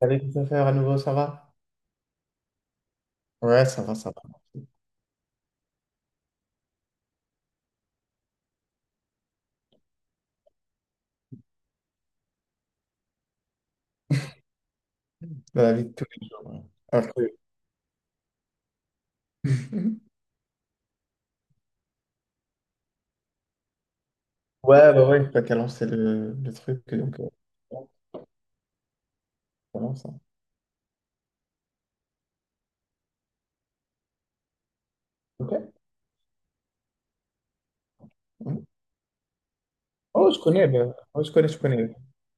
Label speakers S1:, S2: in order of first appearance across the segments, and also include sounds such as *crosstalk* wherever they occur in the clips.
S1: Salut Christopher, à nouveau, ça va? Ouais, ça va, ça va. Dans la vie de tous les jours. Ouais. Alors que- *laughs* ouais, bah ouais, pas qu'à lancer le, truc, ouais, lance, hein. Ok. Mhm. Oh, je connais, bah, oh, je connais, je connais.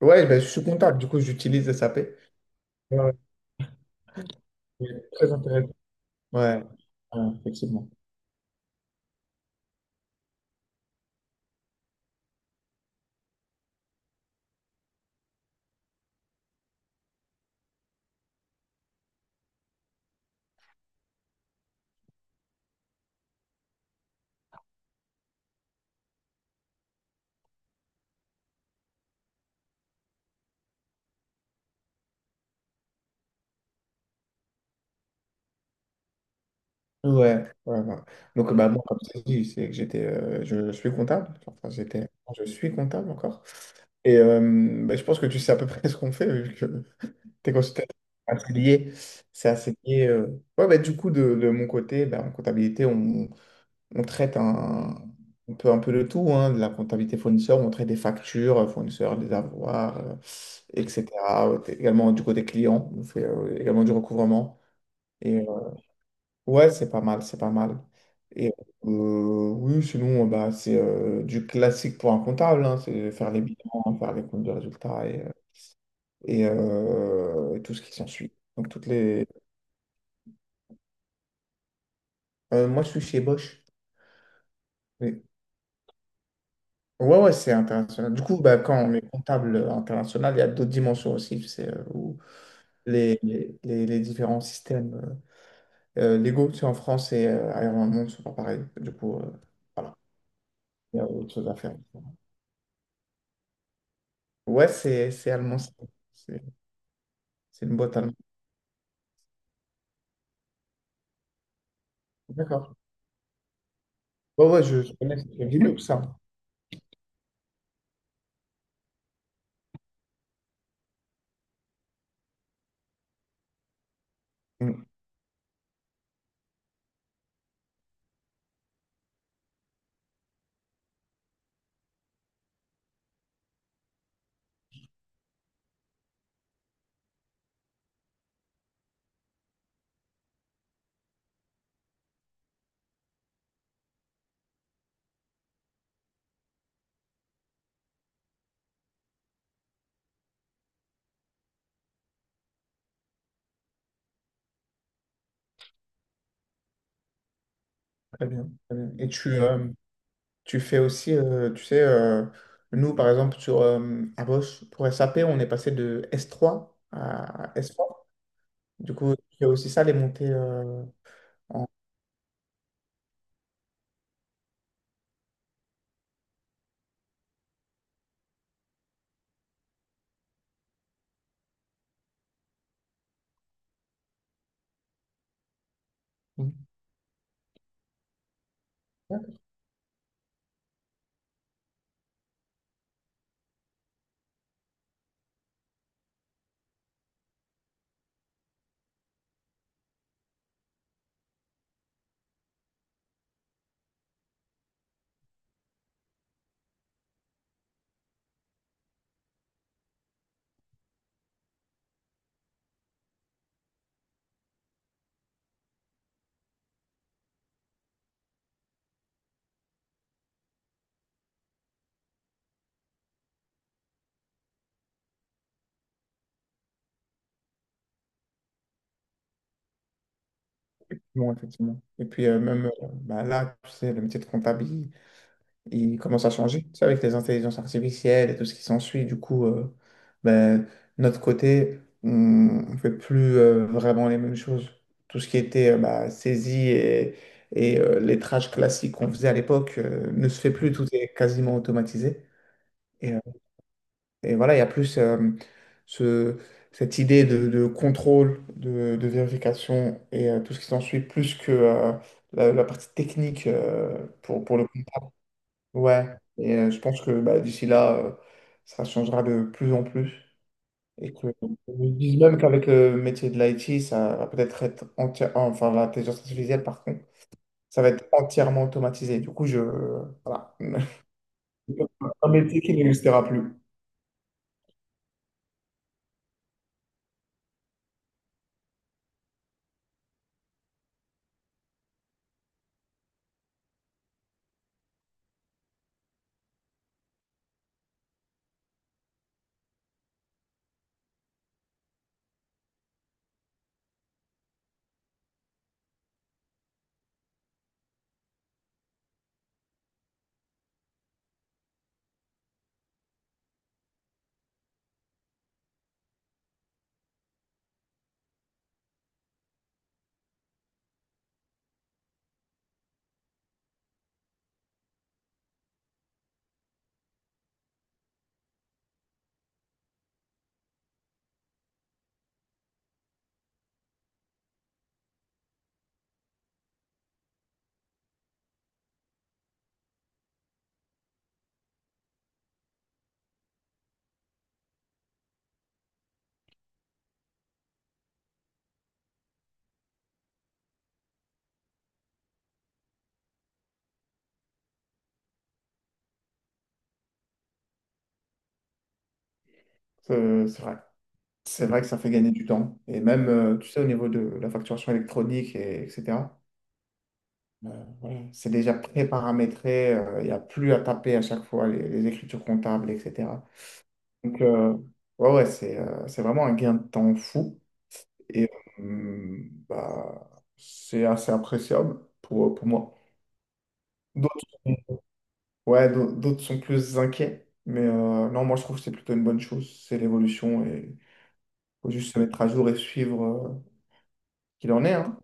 S1: Ouais, bah, je suis comptable, du coup, j'utilise SAP. Ouais, c'est très intéressant. Ouais, ouais, effectivement. Ouais, ouais, ouais. Donc, bah, moi, comme je t'ai dit, c'est que j'étais, je suis comptable. Enfin, j'étais, je suis comptable encore. Et euh, bah, je pense que tu sais à peu près *laughs* ce qu'on fait, vu que t'es consultant, c'est assez lié. C'est assez lié. Ouais, bah, du coup, de mon côté, bah, en comptabilité, on traite un, on peut un peu de tout, hein, de la comptabilité fournisseur, on traite des factures, fournisseurs, des avoirs, etc. Également du côté client, on fait également du recouvrement. Et euh, ouais, c'est pas mal, c'est pas mal. Et oui, sinon, bah, c'est du classique pour un comptable, hein, c'est faire les bilans, faire les comptes de résultats et et tout ce qui s'ensuit. Donc, toutes les... moi, je suis chez Bosch. Oui. Ouais, ouais, c'est international. Du coup, bah, quand on est comptable international, il y a d'autres dimensions aussi, tu sais, où les différents systèmes légaux, tu sais, en France et ailleurs dans le monde, ne sont pas pareils. Du coup, voilà, il y a autre chose à faire. Ouais, c'est allemand, ça. c'est c'est une boîte allemande. D'accord. Ouais, ouais, je connais, c'est Linux, ça. Mm. Très bien, très bien. Et tu, Tu fais aussi, tu sais, Nous, par exemple, sur, à Bosch, pour SAP, on est passé de S3 à S4. Du coup, tu fais aussi ça, les montées en... Bon, effectivement. Et puis, même bah, là, tu sais, le métier de comptabilité. Il commence à changer, tu sais, avec les intelligences artificielles et tout ce qui s'ensuit. Du coup, ben, notre côté, on ne fait plus vraiment les mêmes choses. Tout ce qui était bah, saisie et lettrage classique qu'on faisait à l'époque ne se fait plus, tout est quasiment automatisé. Et, euh, et voilà, il y a plus ce, cette idée de contrôle, de vérification et tout ce qui s'ensuit, plus que la partie technique euh, pour le comptable. Ouais, je pense que bah, d'ici là, ça changera de plus en plus. Et que Je me dis même qu'avec le métier de l'IT, ça va peut-être être entière, enfin l'intelligence artificielle, par contre, ça va être entièrement automatisé. Du coup, je voilà. *laughs* Un métier qui n'existera plus. C'est vrai. C'est vrai que ça fait gagner du temps. Et même, tu sais, au niveau de la facturation électronique, et, etc. Voilà, c'est déjà pré-paramétré. Il n'y a plus à taper à chaque fois les écritures comptables, etc. Donc, ouais, ouais, c'est vraiment un gain de temps fou et euh, bah, c'est assez appréciable pour moi. D'autres, d'autres sont plus inquiets, mais non, moi je trouve que c'est plutôt une bonne chose. C'est l'évolution et il faut juste se mettre à jour et suivre qu'il en est, hein.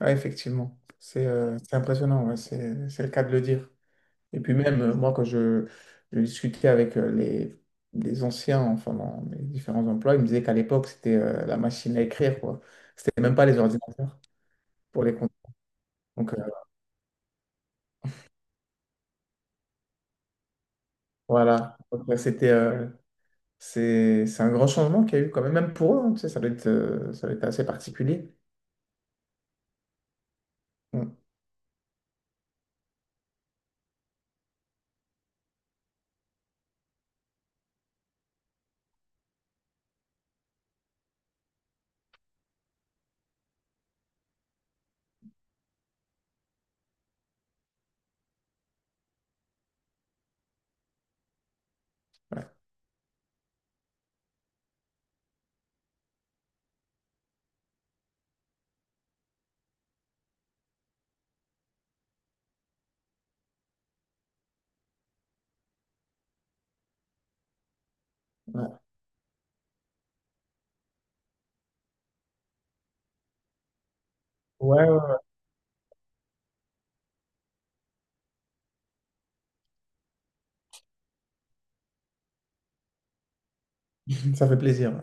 S1: Ouais, effectivement, c'est impressionnant, ouais, c'est le cas de le dire. Et puis même, moi, quand je discutais avec les anciens, enfin, dans mes différents emplois, ils me disaient qu'à l'époque, c'était la machine à écrire, quoi. C'était même pas les ordinateurs pour les comptes. Donc, voilà. Donc, c'était, c'est un grand changement qu'il y a eu quand même, même pour eux, hein, tu sais, ça doit être assez particulier. Mm. Ouais, ouais, ouais, ouais. *laughs* Ça fait plaisir.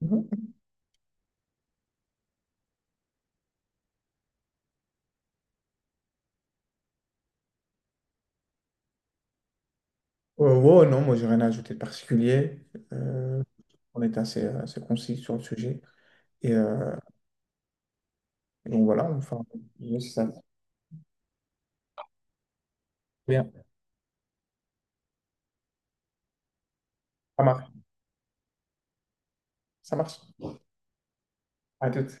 S1: Mhm. Wow, non, moi j'ai rien à ajouter de particulier. Euh, on est assez, assez concis sur le sujet. Et euh, donc voilà, enfin, je sais ça. Ça marche. Ça marche. À tout.